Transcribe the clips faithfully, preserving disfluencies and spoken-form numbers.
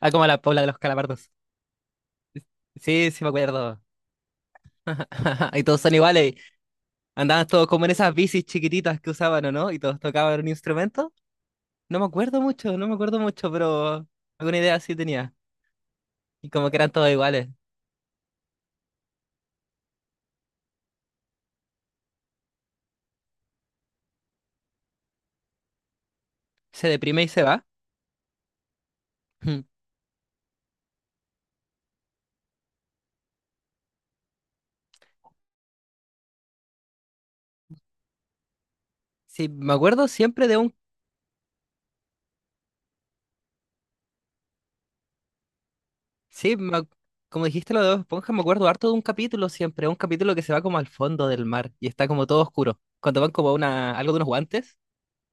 Ah, como la Paula de los Calabardos. Sí, sí me acuerdo. Y todos son iguales. Andaban todos como en esas bicis chiquititas que usaban, ¿o no? Y todos tocaban un instrumento. No me acuerdo mucho, no me acuerdo mucho, pero alguna idea sí tenía. Y como que eran todos iguales. Se deprime y se va. Hmm. Sí, me acuerdo siempre de un... Sí, me ac- Como dijiste lo de Bob Esponja, me acuerdo harto de un capítulo siempre. Un capítulo que se va como al fondo del mar y está como todo oscuro. Cuando van como a una... algo de unos guantes,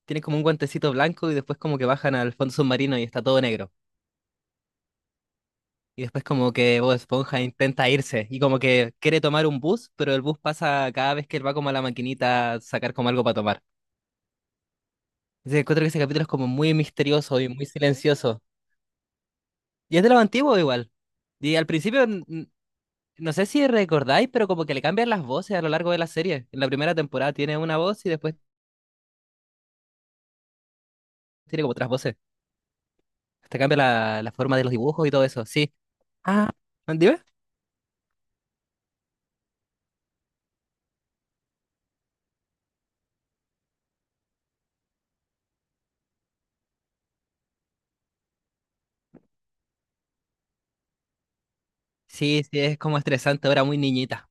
tienen como un guantecito blanco y después como que bajan al fondo submarino y está todo negro. Y después como que Bob Esponja intenta irse y como que quiere tomar un bus, pero el bus pasa cada vez que él va como a la maquinita a sacar como algo para tomar. Entonces encuentro que ese capítulo es como muy misterioso y muy silencioso. Y es de lo antiguo igual. Y al principio, n- n- no sé si recordáis, pero como que le cambian las voces a lo largo de la serie. En la primera temporada tiene una voz y después tiene como otras voces. Hasta cambia la, la forma de los dibujos y todo eso. Sí. Ah, ¿dime? Sí, sí, es como estresante ahora, muy niñita.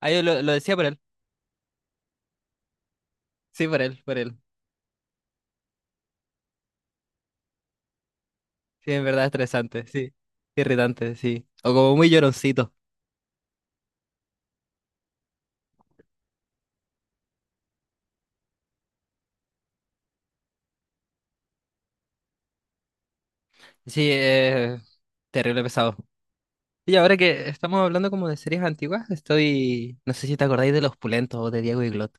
Ah, yo lo, lo decía por él. Sí, por él, por él. Sí, en verdad estresante, sí. Irritante, sí. O como muy lloroncito. Sí, eh, terrible pesado. Y ahora que estamos hablando como de series antiguas, estoy... No sé si te acordáis de Los Pulentos o de Diego y Glot.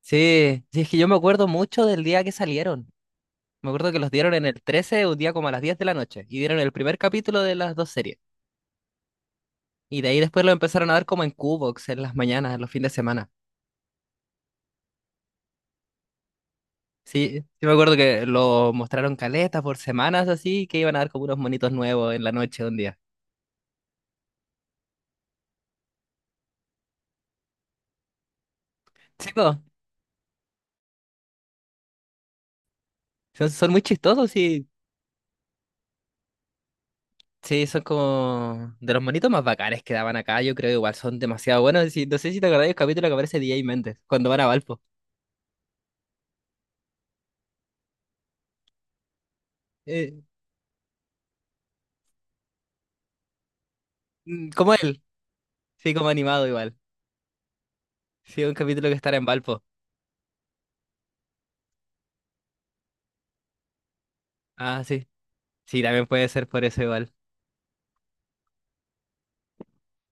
Sí, sí, es que yo me acuerdo mucho del día que salieron. Me acuerdo que los dieron en el trece un día como a las diez de la noche, y dieron el primer capítulo de las dos series. Y de ahí después lo empezaron a dar como en Qbox, en las mañanas, en los fines de semana. Sí, sí me acuerdo que lo mostraron caleta por semanas así, que iban a dar como unos monitos nuevos en la noche un día. Sí, po, son, son muy chistosos y sí, son como de los monitos más bacanes que daban acá, yo creo igual son demasiado buenos. Sí, no sé si te acordás del capítulo que aparece D J Méndez cuando van a Valpo. Eh, mm, Como él, sí, como animado igual. Sí, un capítulo que estará en Valpo. Ah, sí. Sí, también puede ser por eso igual.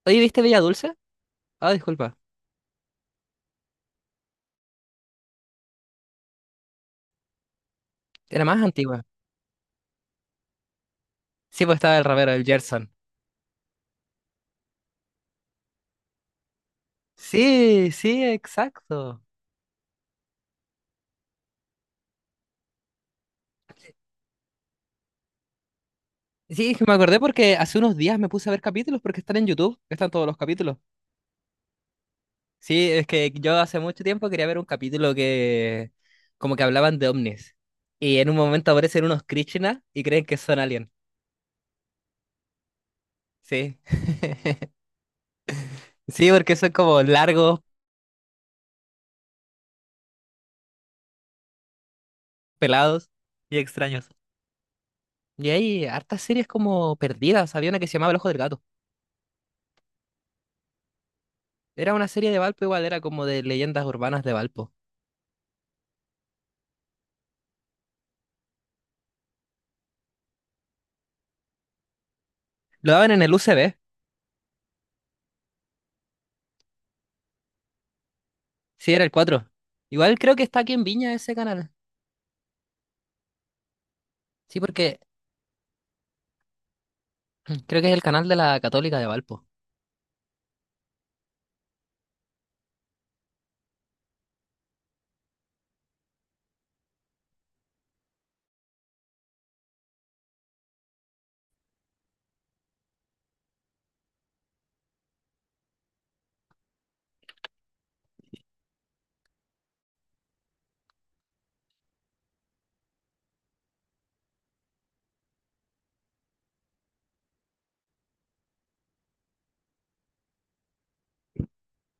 Oye, ¿viste Bella Dulce? Ah, disculpa. Era más antigua. Sí, pues estaba el rapero, el Gerson. Sí, sí, exacto. Sí, es que me acordé porque hace unos días me puse a ver capítulos porque están en YouTube, están todos los capítulos. Sí, es que yo hace mucho tiempo quería ver un capítulo que como que hablaban de ovnis. Y en un momento aparecen unos Krishna y creen que son alien. Sí. Sí, porque son como largos, pelados y extraños. Y hay hartas series como perdidas. Había una que se llamaba El Ojo del Gato. Era una serie de Valpo, igual era como de leyendas urbanas de Valpo. Lo daban en el U C B. Sí, era el cuatro. Igual creo que está aquí en Viña ese canal. Sí, porque creo que es el canal de la Católica de Valpo.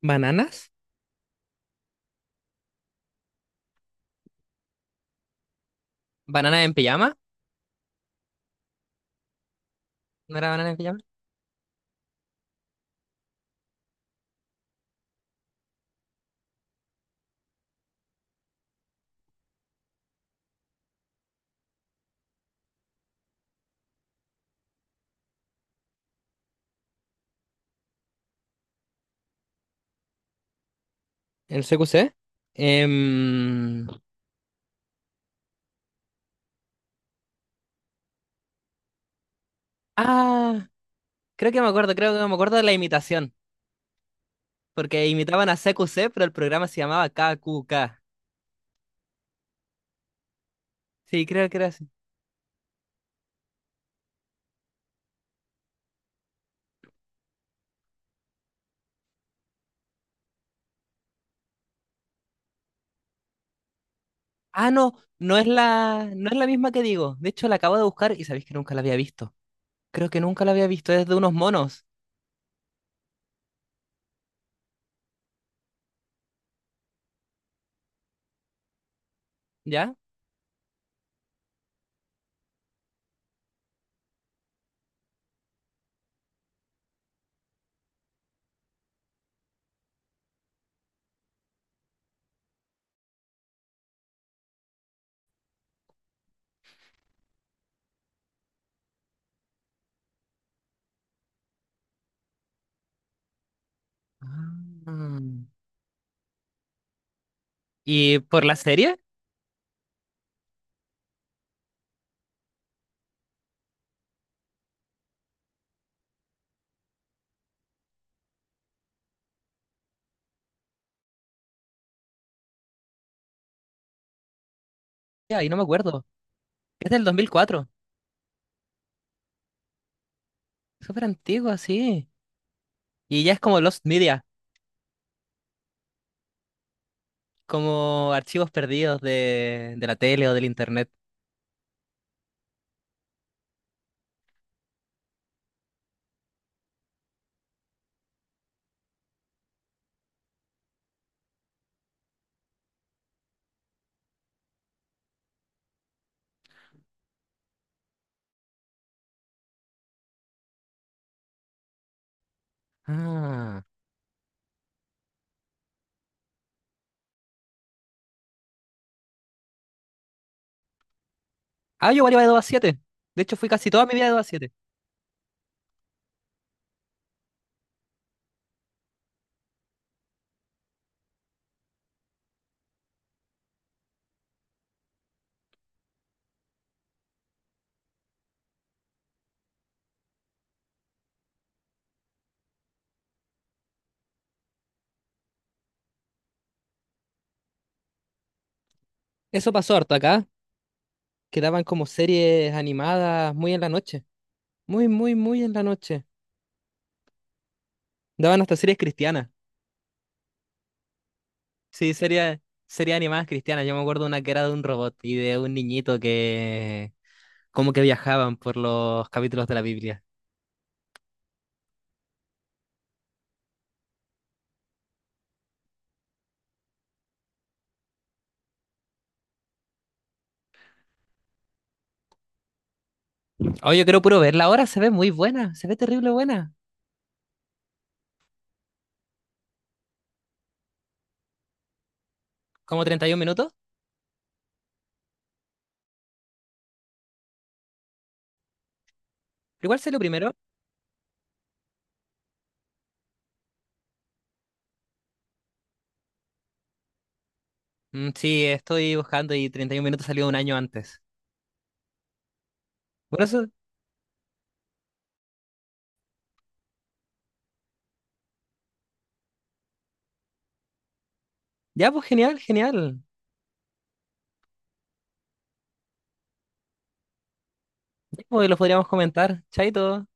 ¿Bananas? ¿Bananas en pijama? ¿No era Banana en Pijama? El C Q C. Em, ah, Creo que me acuerdo, creo que me acuerdo de la imitación. Porque imitaban a C Q C, pero el programa se llamaba K Q K. Sí, creo que era así. Ah, no, no es la, no es la misma que digo. De hecho, la acabo de buscar y sabéis que nunca la había visto. Creo que nunca la había visto, es de unos monos, ¿ya? Ah. ¿Y por la serie? Ya, ahí no me acuerdo. Es del dos mil cuatro. Súper antigua, sí. Y ya es como Lost Media. Como archivos perdidos de, de la tele o del internet. Ah. Ah, yo igual iba de dos a siete. De hecho, fui casi toda mi vida de dos a siete. Eso pasó harto acá, que daban como series animadas muy en la noche. Muy, muy, muy en la noche. Daban hasta series cristianas. Sí, series, series animadas cristianas. Yo me acuerdo una que era de un robot y de un niñito que como que viajaban por los capítulos de la Biblia. Oye, yo quiero puro verla ahora, se ve muy buena, se ve terrible buena. ¿Como treinta y uno minutos? Igual sé lo primero. Mm, Sí, estoy buscando y treinta y uno minutos salió un año antes. Por eso, ya pues genial, genial. Ya, pues, lo podríamos comentar. Chaito.